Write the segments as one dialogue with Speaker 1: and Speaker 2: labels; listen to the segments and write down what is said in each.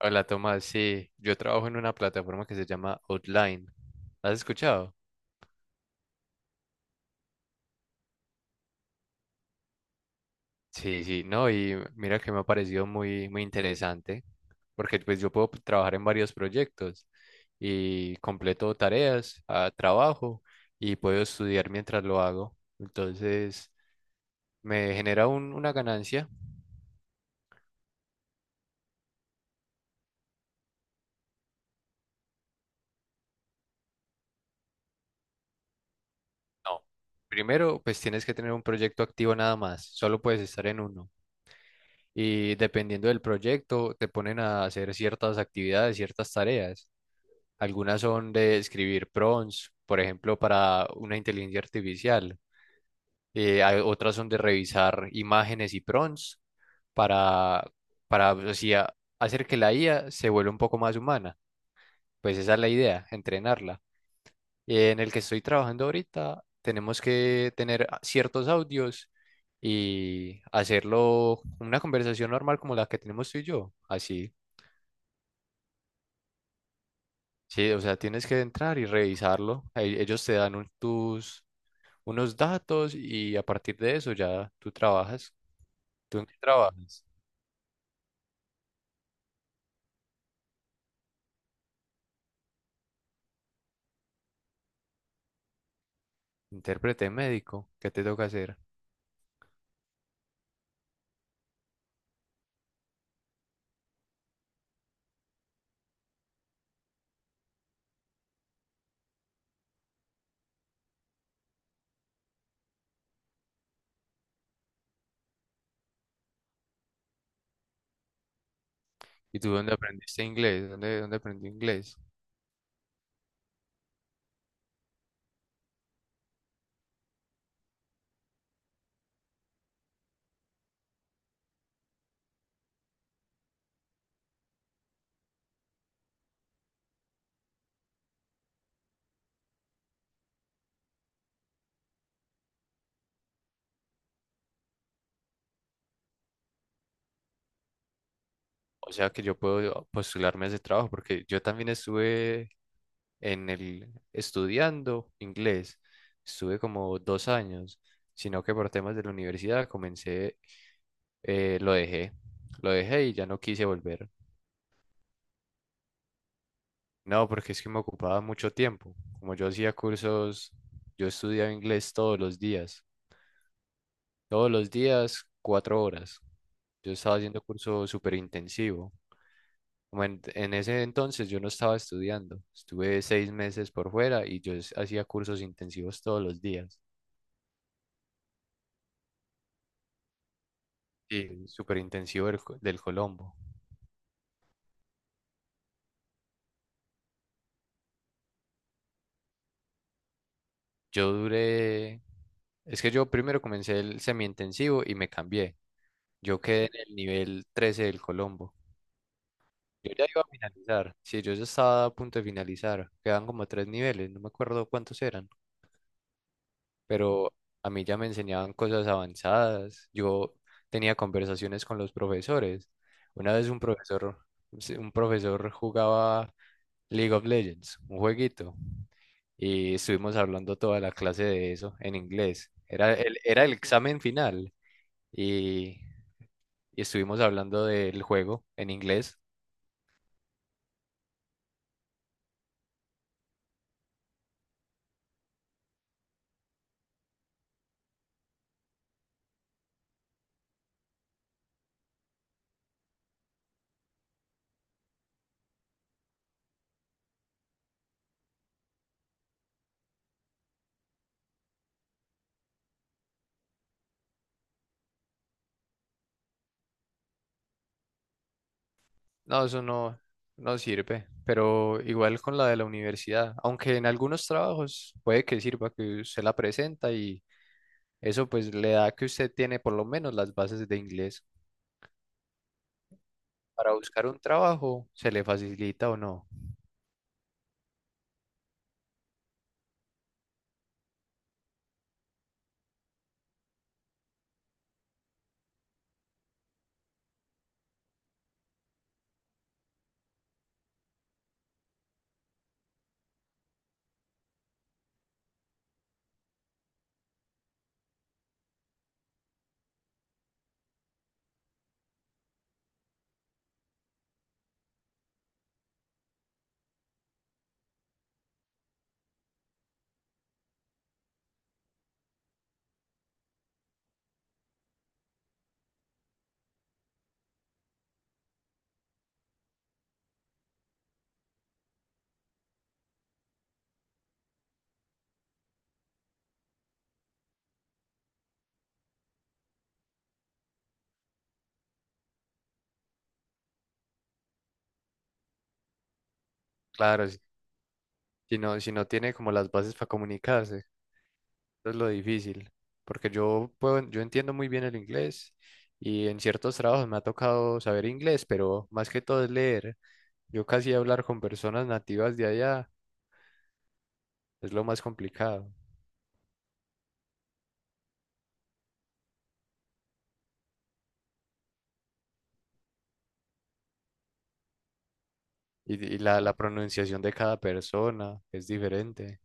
Speaker 1: Hola Tomás, sí, yo trabajo en una plataforma que se llama Outline. ¿Has escuchado? Sí, sí, no, y mira que me ha parecido muy, muy interesante, porque pues yo puedo trabajar en varios proyectos y completo tareas, trabajo y puedo estudiar mientras lo hago. Entonces, me genera una ganancia. No, primero pues tienes que tener un proyecto activo nada más, solo puedes estar en uno. Y dependiendo del proyecto, te ponen a hacer ciertas actividades, ciertas tareas. Algunas son de escribir prompts, por ejemplo, para una inteligencia artificial. Otras son de revisar imágenes y prompts para, para o sea, hacer que la IA se vuelva un poco más humana. Pues esa es la idea, entrenarla. En el que estoy trabajando ahorita, tenemos que tener ciertos audios y hacerlo una conversación normal como la que tenemos tú y yo. Así, sí, o sea, tienes que entrar y revisarlo. Ellos te dan tus unos datos y a partir de eso ya tú trabajas. ¿Tú en qué trabajas? Intérprete médico, ¿qué te toca hacer? ¿Y tú dónde aprendiste inglés? ¿Dónde aprendí inglés? O sea que yo puedo postularme a ese trabajo porque yo también estuve en el estudiando inglés. Estuve como 2 años, sino que por temas de la universidad comencé, eh, lo dejé, lo dejé y ya no quise volver. No, porque es que me ocupaba mucho tiempo. Como yo hacía cursos, yo estudiaba inglés todos los días. Todos los días, 4 horas. Yo estaba haciendo curso súper intensivo. Como en ese entonces yo no estaba estudiando. Estuve 6 meses por fuera y yo hacía cursos intensivos todos los días. Sí. El súper intensivo del Colombo. Yo duré... Es que yo primero comencé el semi-intensivo y me cambié. Yo quedé en el nivel 13 del Colombo. Yo ya iba a finalizar. Sí, yo ya estaba a punto de finalizar. Quedan como 3 niveles, no me acuerdo cuántos eran, pero a mí ya me enseñaban cosas avanzadas. Yo tenía conversaciones con los profesores. Una vez un profesor, sí, un profesor jugaba League of Legends, un jueguito, y estuvimos hablando toda la clase de eso en inglés. Era el examen final y, y estuvimos hablando del juego en inglés. No, eso no, No sirve, pero igual con la de la universidad, aunque en algunos trabajos puede que sirva que usted la presenta y eso pues le da que usted tiene por lo menos las bases de inglés. Para buscar un trabajo, ¿se le facilita o no? Claro, si no, si no tiene como las bases para comunicarse, eso es lo difícil, porque yo puedo, yo entiendo muy bien el inglés y en ciertos trabajos me ha tocado saber inglés, pero más que todo es leer. Yo casi hablar con personas nativas de allá es lo más complicado. Y la pronunciación de cada persona es diferente.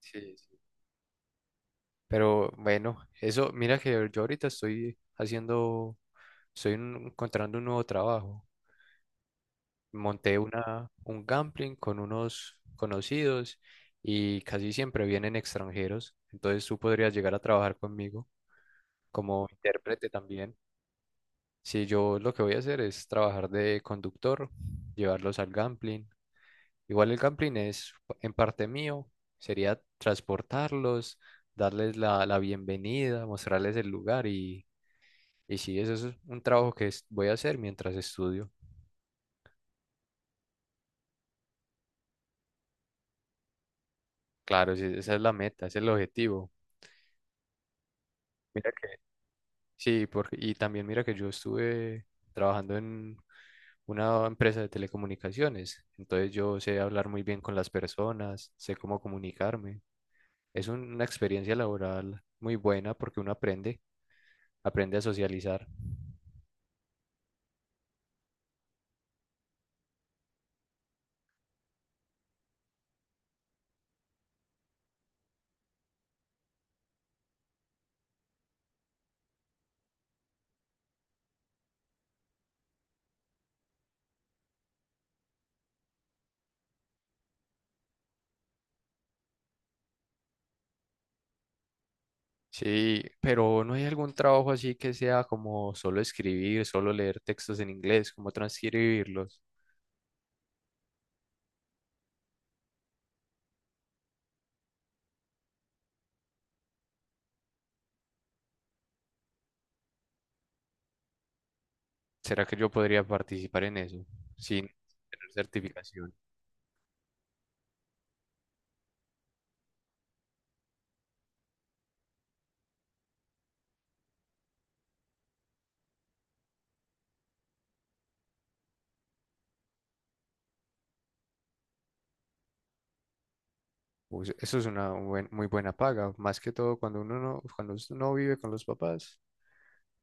Speaker 1: Sí, sí. Pero bueno, eso, mira que yo ahorita estoy haciendo, estoy encontrando un nuevo trabajo. Monté un gambling con unos conocidos y casi siempre vienen extranjeros. Entonces tú podrías llegar a trabajar conmigo como intérprete también. Si yo lo que voy a hacer es trabajar de conductor, llevarlos al gambling. Igual el camping es en parte mío, sería transportarlos, darles la bienvenida, mostrarles el lugar y sí, eso es un trabajo que voy a hacer mientras estudio. Claro, sí, esa es la meta, ese es el objetivo. Mira que... Sí, porque, y también mira que yo estuve trabajando en una empresa de telecomunicaciones, entonces yo sé hablar muy bien con las personas, sé cómo comunicarme. Es una experiencia laboral muy buena porque uno aprende, aprende a socializar. Sí, pero ¿no hay algún trabajo así que sea como solo escribir, solo leer textos en inglés, como transcribirlos? ¿Será que yo podría participar en eso sin tener certificación? Pues eso es una muy buena paga, más que todo cuando uno no vive con los papás,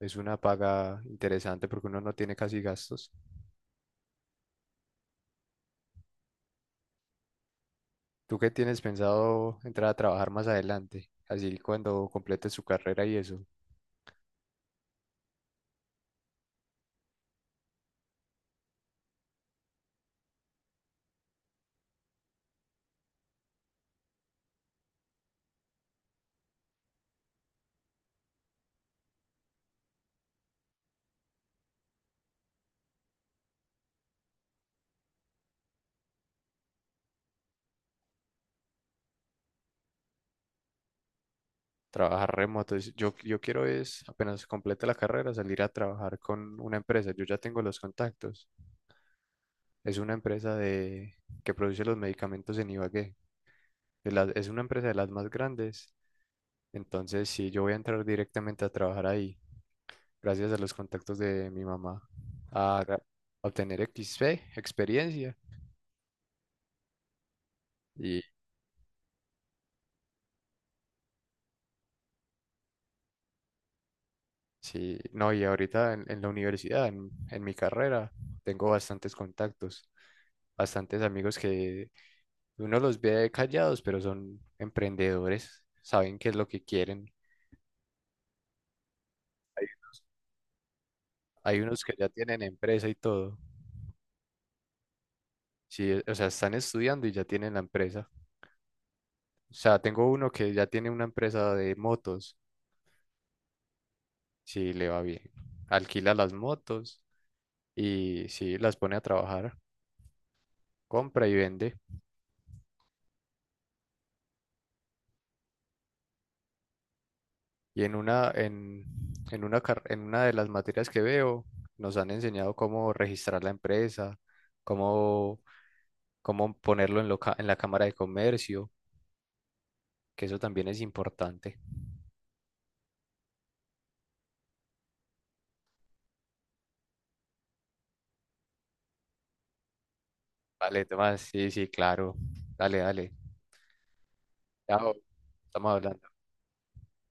Speaker 1: es una paga interesante porque uno no tiene casi gastos. ¿Tú qué tienes pensado entrar a trabajar más adelante? Así cuando completes su carrera y eso. Trabajar remoto. Yo, yo quiero es, apenas complete la carrera, salir a trabajar con una empresa. Yo ya tengo los contactos. Es una empresa de, que produce los medicamentos en Ibagué. Es una empresa de las más grandes. Entonces, si yo voy a entrar directamente a trabajar ahí, gracias a los contactos de mi mamá, a ga- a obtener XP, experiencia. Y sí, no, y ahorita en la universidad, en mi carrera, tengo bastantes contactos, bastantes amigos que uno los ve callados, pero son emprendedores, saben qué es lo que quieren. Hay unos que ya tienen empresa y todo. Sí, o sea, están estudiando y ya tienen la empresa. O sea, tengo uno que ya tiene una empresa de motos. Sí, le va bien. Alquila las motos y sí, las pone a trabajar, compra y vende. Y en una, en una de las materias que veo, nos han enseñado cómo registrar la empresa, cómo, cómo ponerlo en, en la Cámara de Comercio, que eso también es importante. Vale, Tomás, sí, sí, claro. Dale, dale. Chao, estamos hablando.